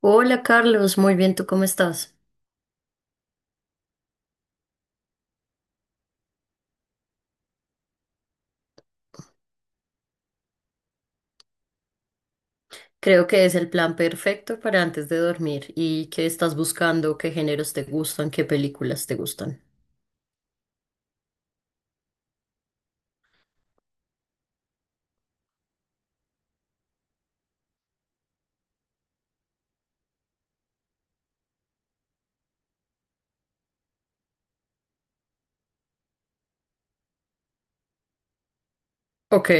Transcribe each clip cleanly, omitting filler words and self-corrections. Hola Carlos, muy bien, ¿tú cómo estás? Creo que es el plan perfecto para antes de dormir. ¿Y qué estás buscando? ¿Qué géneros te gustan? ¿Qué películas te gustan? Ok.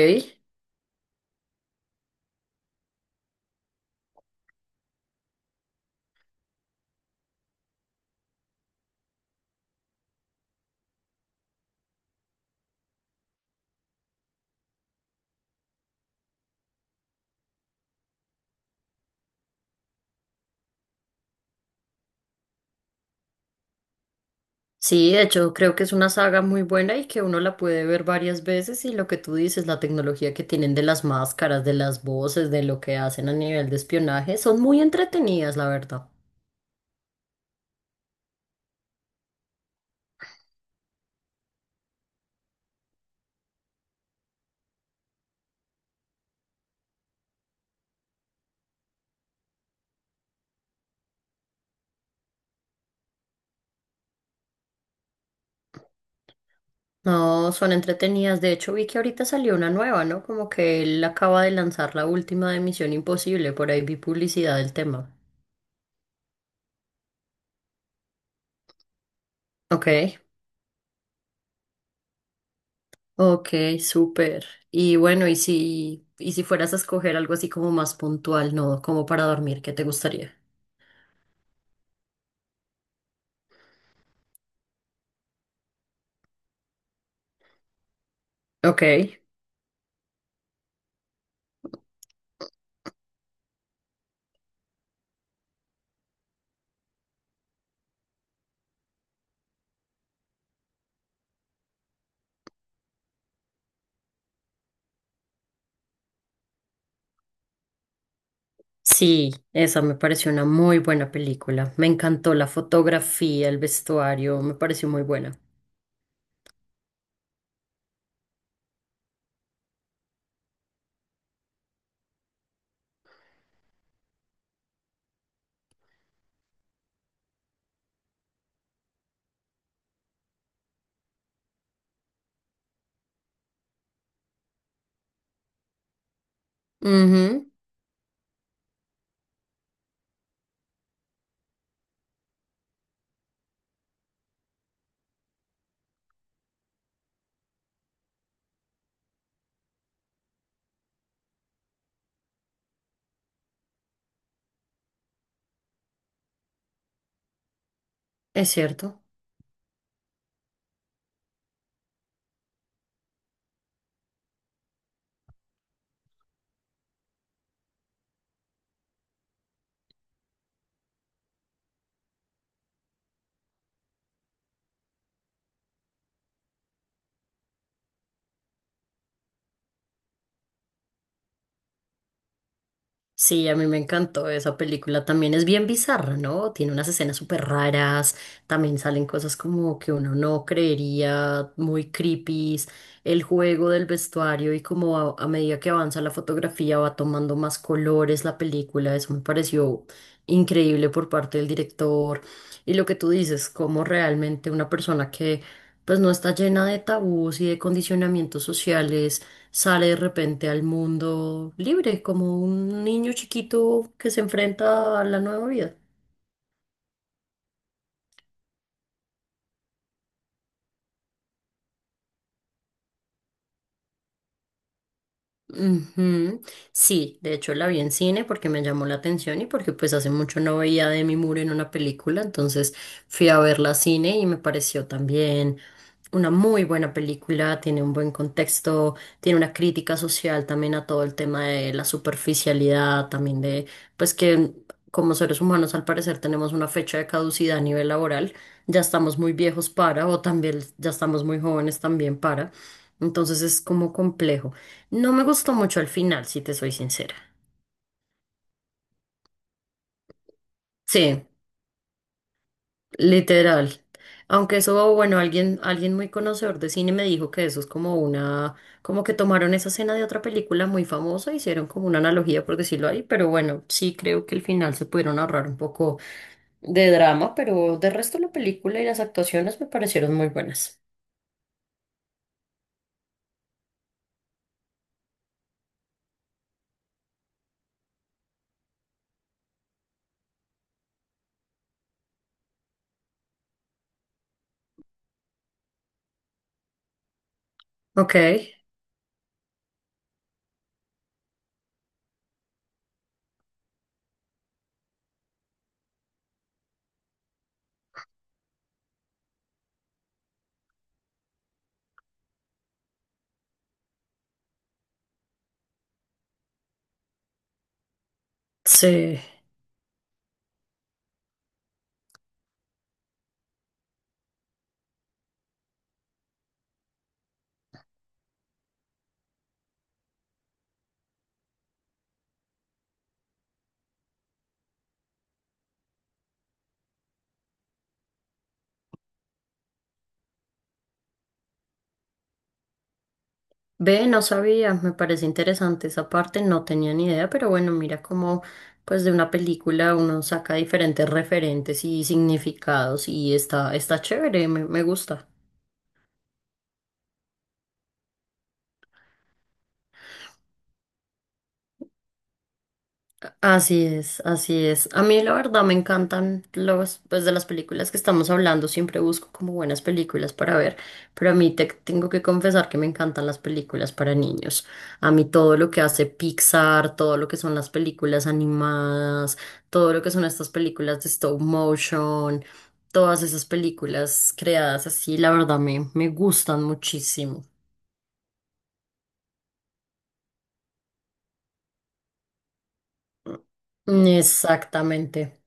Sí, de hecho, creo que es una saga muy buena y que uno la puede ver varias veces y lo que tú dices, la tecnología que tienen de las máscaras, de las voces, de lo que hacen a nivel de espionaje, son muy entretenidas, la verdad. No, son entretenidas. De hecho, vi que ahorita salió una nueva, ¿no? Como que él acaba de lanzar la última de Misión Imposible, por ahí vi publicidad del tema. Ok, ok, súper. Y bueno, y si fueras a escoger algo así como más puntual, ¿no? Como para dormir, ¿qué te gustaría? Ok, sí, esa me pareció una muy buena película. Me encantó la fotografía, el vestuario, me pareció muy buena. Ujú, es cierto. Sí, a mí me encantó esa película. También es bien bizarra, ¿no? Tiene unas escenas súper raras. También salen cosas como que uno no creería, muy creepy. El juego del vestuario y como a medida que avanza la fotografía va tomando más colores la película. Eso me pareció increíble por parte del director. Y lo que tú dices, como realmente una persona que pues no está llena de tabús y de condicionamientos sociales sale de repente al mundo libre, como un niño chiquito que se enfrenta a la nueva vida. Ujú. Sí, de hecho la vi en cine porque me llamó la atención y porque pues hace mucho no veía a Demi Moore en una película, entonces fui a verla a cine y me pareció también una muy buena película, tiene un buen contexto, tiene una crítica social también a todo el tema de la superficialidad, también de pues que como seres humanos al parecer tenemos una fecha de caducidad a nivel laboral, ya estamos muy viejos para o también ya estamos muy jóvenes también para, entonces es como complejo. No me gustó mucho al final, si te soy sincera. Sí, literal. Aunque eso, bueno, alguien, alguien muy conocedor de cine me dijo que eso es como una, como que tomaron esa escena de otra película muy famosa, hicieron como una analogía, por decirlo ahí, pero bueno, sí creo que al final se pudieron ahorrar un poco de drama, pero de resto la película y las actuaciones me parecieron muy buenas. Ok, sí. Ve, no sabía, me parece interesante esa parte, no tenía ni idea, pero bueno, mira cómo pues de una película uno saca diferentes referentes y significados y está, está chévere, me gusta. Así es, así es. A mí la verdad me encantan los, pues de las películas que estamos hablando, siempre busco como buenas películas para ver, pero a mí te tengo que confesar que me encantan las películas para niños. A mí todo lo que hace Pixar, todo lo que son las películas animadas, todo lo que son estas películas de stop motion, todas esas películas creadas así, la verdad me gustan muchísimo. Exactamente.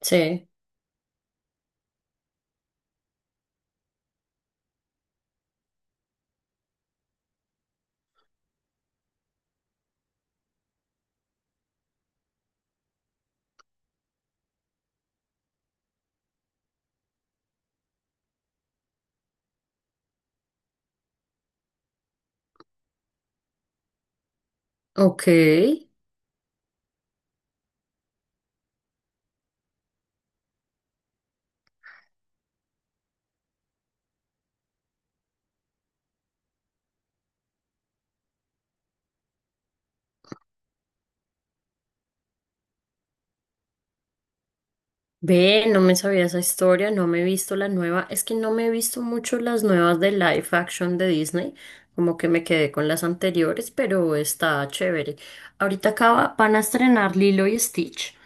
Sí. Ok. Ve, no me sabía esa historia, no me he visto la nueva. Es que no me he visto mucho las nuevas de live action de Disney, como que me quedé con las anteriores, pero está chévere. Ahorita acaba, van a estrenar Lilo y Stitch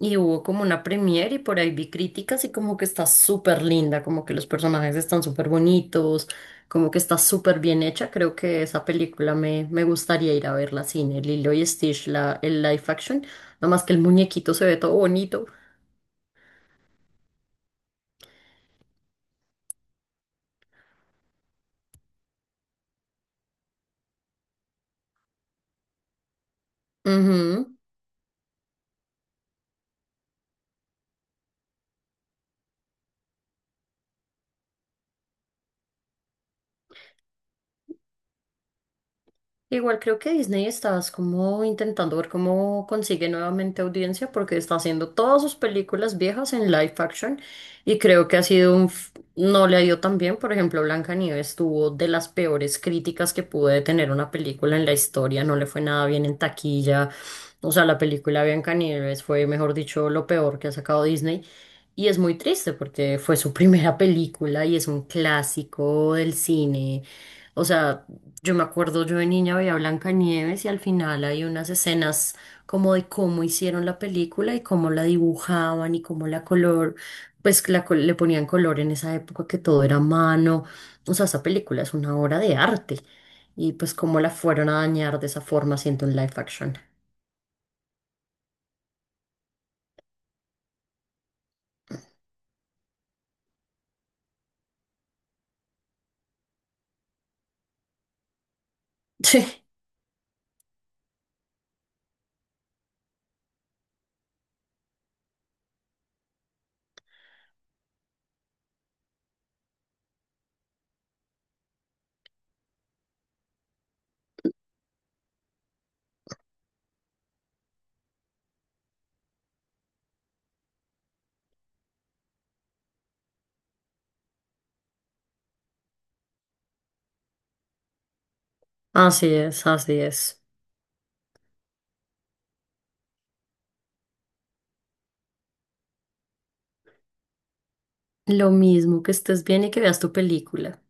y hubo como una premiere y por ahí vi críticas y como que está súper linda, como que los personajes están súper bonitos, como que está súper bien hecha. Creo que esa película me gustaría ir a verla al cine, Lilo y Stitch, la, el live action, nada más que el muñequito se ve todo bonito. Ujú. Igual creo que Disney está como intentando ver cómo consigue nuevamente audiencia porque está haciendo todas sus películas viejas en live action y creo que ha sido un... no le ha ido tan bien. Por ejemplo, Blancanieves tuvo de las peores críticas que puede tener una película en la historia, no le fue nada bien en taquilla. O sea, la película Blancanieves fue, mejor dicho, lo peor que ha sacado Disney. Y es muy triste porque fue su primera película y es un clásico del cine. O sea, yo me acuerdo, yo de niña veía Blancanieves y al final hay unas escenas como de cómo hicieron la película y cómo la dibujaban y cómo la color, pues la le ponían color en esa época que todo era a mano. O sea, esa película es una obra de arte y pues cómo la fueron a dañar de esa forma haciendo un live action. Sí, así es, así es. Lo mismo que estés bien y que veas tu película.